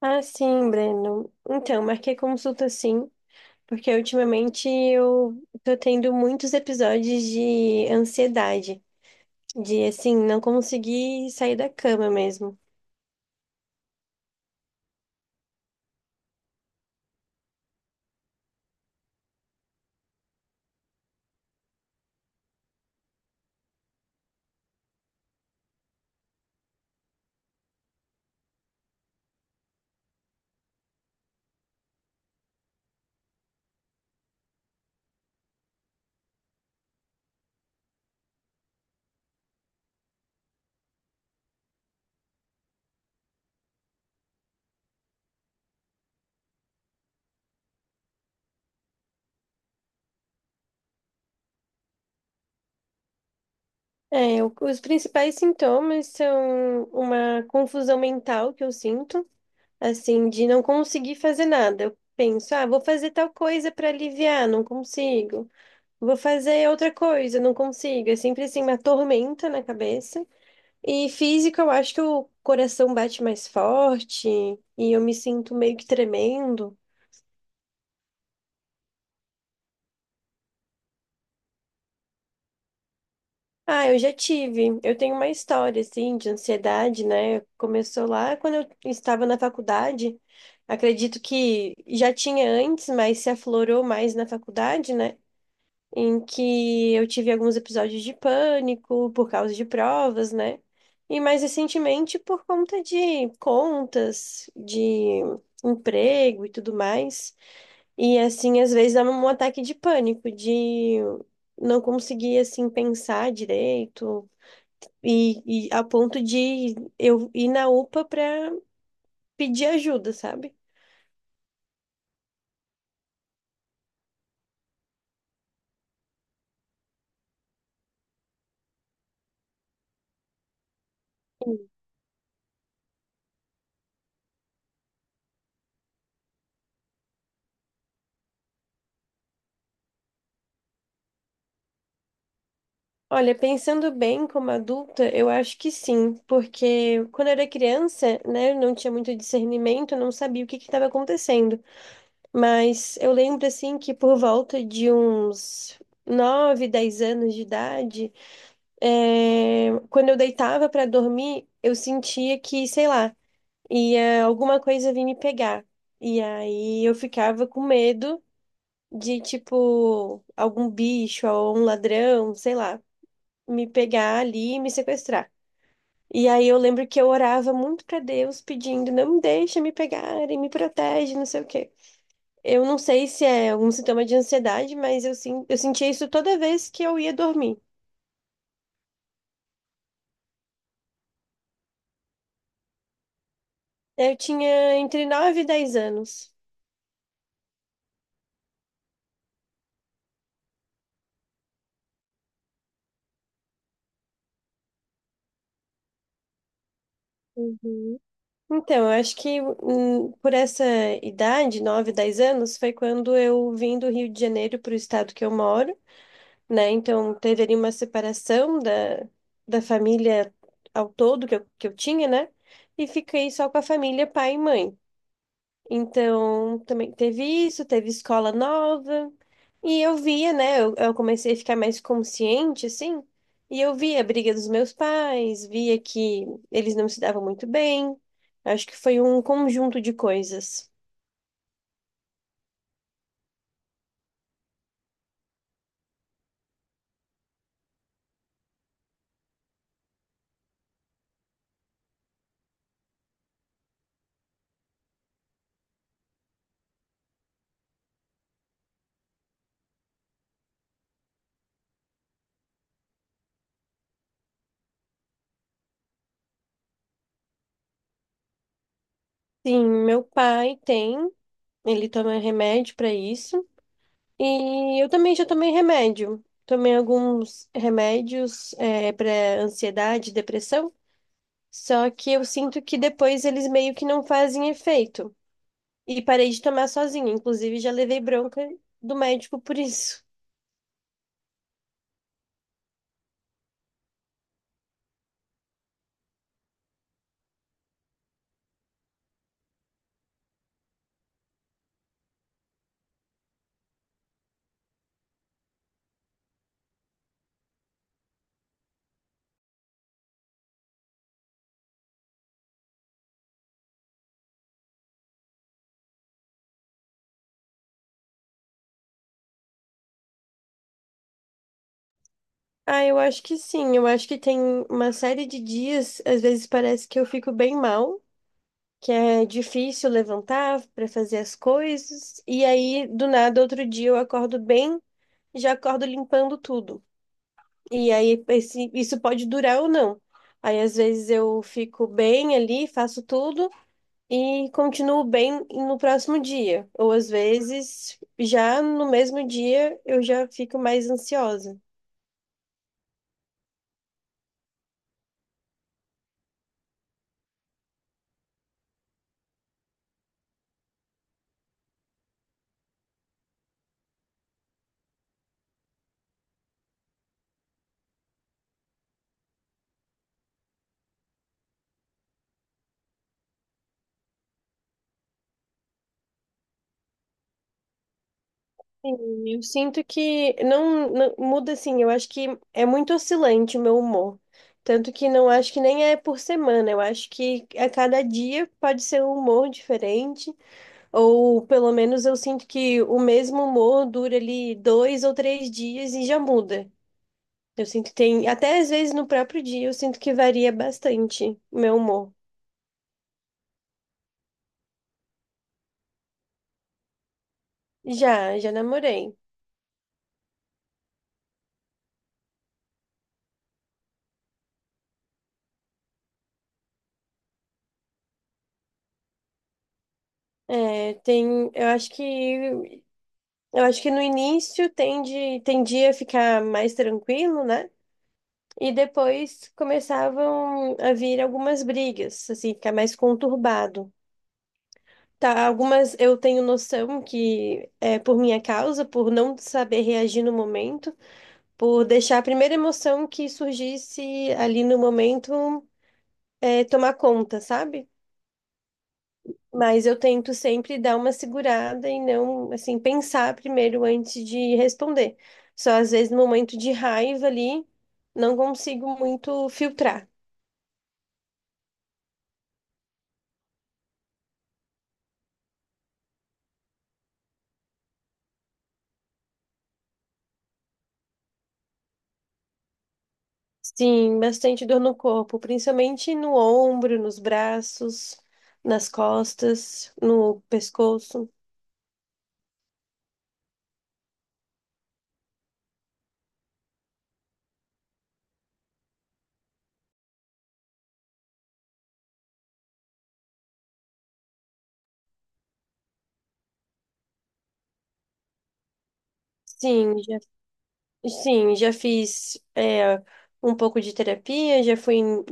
Ah, sim, Breno. Então, marquei consulta sim, porque ultimamente eu tô tendo muitos episódios de ansiedade, de assim, não conseguir sair da cama mesmo. É, os principais sintomas são uma confusão mental que eu sinto, assim, de não conseguir fazer nada. Eu penso, ah, vou fazer tal coisa para aliviar, não consigo. Vou fazer outra coisa, não consigo. É sempre assim uma tormenta na cabeça. E física, eu acho que o coração bate mais forte e eu me sinto meio que tremendo. Ah, eu já tive. Eu tenho uma história, assim, de ansiedade, né? Começou lá quando eu estava na faculdade. Acredito que já tinha antes, mas se aflorou mais na faculdade, né? Em que eu tive alguns episódios de pânico por causa de provas, né? E mais recentemente por conta de contas, de emprego e tudo mais. E assim, às vezes dava um ataque de pânico, de não conseguir assim pensar direito e a ponto de eu ir na UPA para pedir ajuda, sabe? Olha, pensando bem como adulta, eu acho que sim, porque quando eu era criança, né, eu não tinha muito discernimento, eu não sabia o que que estava acontecendo. Mas eu lembro assim que por volta de uns 9 10 anos de idade, é, quando eu deitava para dormir, eu sentia que, sei lá, ia alguma coisa vir me pegar. E aí eu ficava com medo de, tipo, algum bicho ou um ladrão, sei lá, me pegar ali e me sequestrar. E aí eu lembro que eu orava muito para Deus pedindo, não me deixa me pegarem, me protege, não sei o quê. Eu não sei se é algum sintoma de ansiedade, mas eu, sim, eu sentia isso toda vez que eu ia dormir. Eu tinha entre 9 e 10 anos. Uhum. Então, eu acho que por essa idade, 9 10 anos, foi quando eu vim do Rio de Janeiro para o estado que eu moro, né? Então, teve ali uma separação da, da família ao todo que eu tinha, né? E fiquei só com a família pai e mãe. Então, também teve isso, teve escola nova. E eu via, né? Eu comecei a ficar mais consciente, assim. E eu via a briga dos meus pais, via que eles não se davam muito bem. Acho que foi um conjunto de coisas. Sim, meu pai tem, ele toma remédio para isso. E eu também já tomei remédio. Tomei alguns remédios, é, para ansiedade, depressão. Só que eu sinto que depois eles meio que não fazem efeito. E parei de tomar sozinha. Inclusive, já levei bronca do médico por isso. Ah, eu acho que sim. Eu acho que tem uma série de dias, às vezes parece que eu fico bem mal, que é difícil levantar para fazer as coisas. E aí, do nada, outro dia eu acordo bem, já acordo limpando tudo. E aí, isso pode durar ou não. Aí, às vezes, eu fico bem ali, faço tudo. E continuo bem no próximo dia. Ou às vezes, já no mesmo dia, eu já fico mais ansiosa. Sim, eu sinto que muda assim, eu acho que é muito oscilante o meu humor. Tanto que não acho que nem é por semana, eu acho que a cada dia pode ser um humor diferente, ou pelo menos eu sinto que o mesmo humor dura ali dois ou três dias e já muda. Eu sinto que tem, até às vezes no próprio dia, eu sinto que varia bastante o meu humor. Já, já namorei. É, tem, eu acho que no início tendia a ficar mais tranquilo, né? E depois começavam a vir algumas brigas, assim, ficar mais conturbado. Tá, algumas eu tenho noção que é por minha causa, por não saber reagir no momento, por deixar a primeira emoção que surgisse ali no momento é, tomar conta, sabe? Mas eu tento sempre dar uma segurada e não, assim, pensar primeiro antes de responder. Só às vezes no momento de raiva ali, não consigo muito filtrar. Sim, bastante dor no corpo, principalmente no ombro, nos braços, nas costas, no pescoço. Sim, já, sim, já fiz é, um pouco de terapia, já fui em,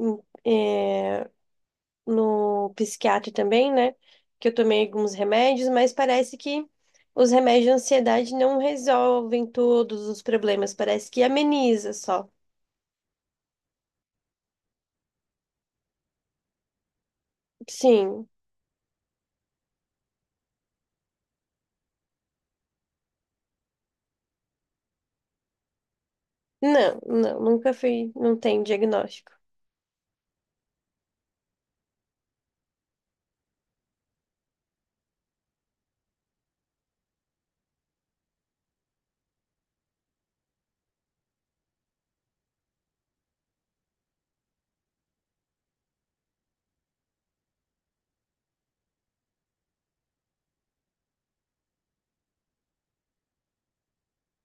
no psiquiatra também, né? Que eu tomei alguns remédios, mas parece que os remédios de ansiedade não resolvem todos os problemas, parece que ameniza só. Sim. Não, não, nunca fui, não tem diagnóstico.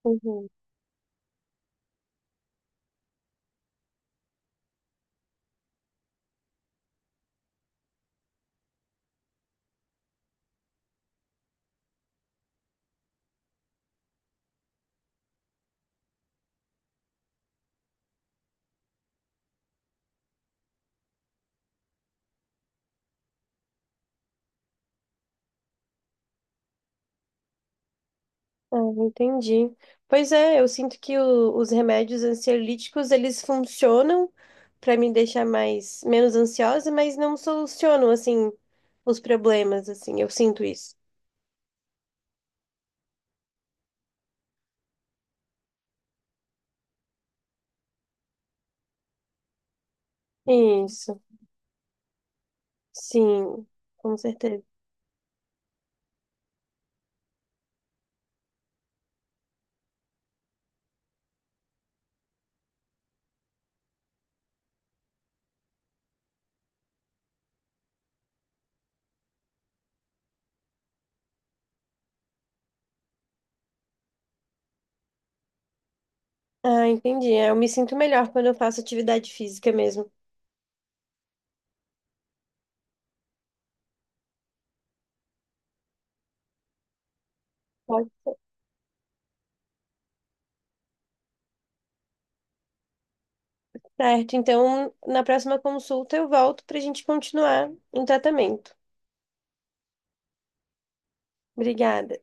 Uhum. Ah, entendi. Pois é, eu sinto que os remédios ansiolíticos, eles funcionam para me deixar mais menos ansiosa, mas não solucionam assim os problemas assim. Eu sinto isso. Isso. Sim, com certeza. Ah, entendi. É, eu me sinto melhor quando eu faço atividade física mesmo. Pode. Certo, então na próxima consulta eu volto para a gente continuar o tratamento. Obrigada.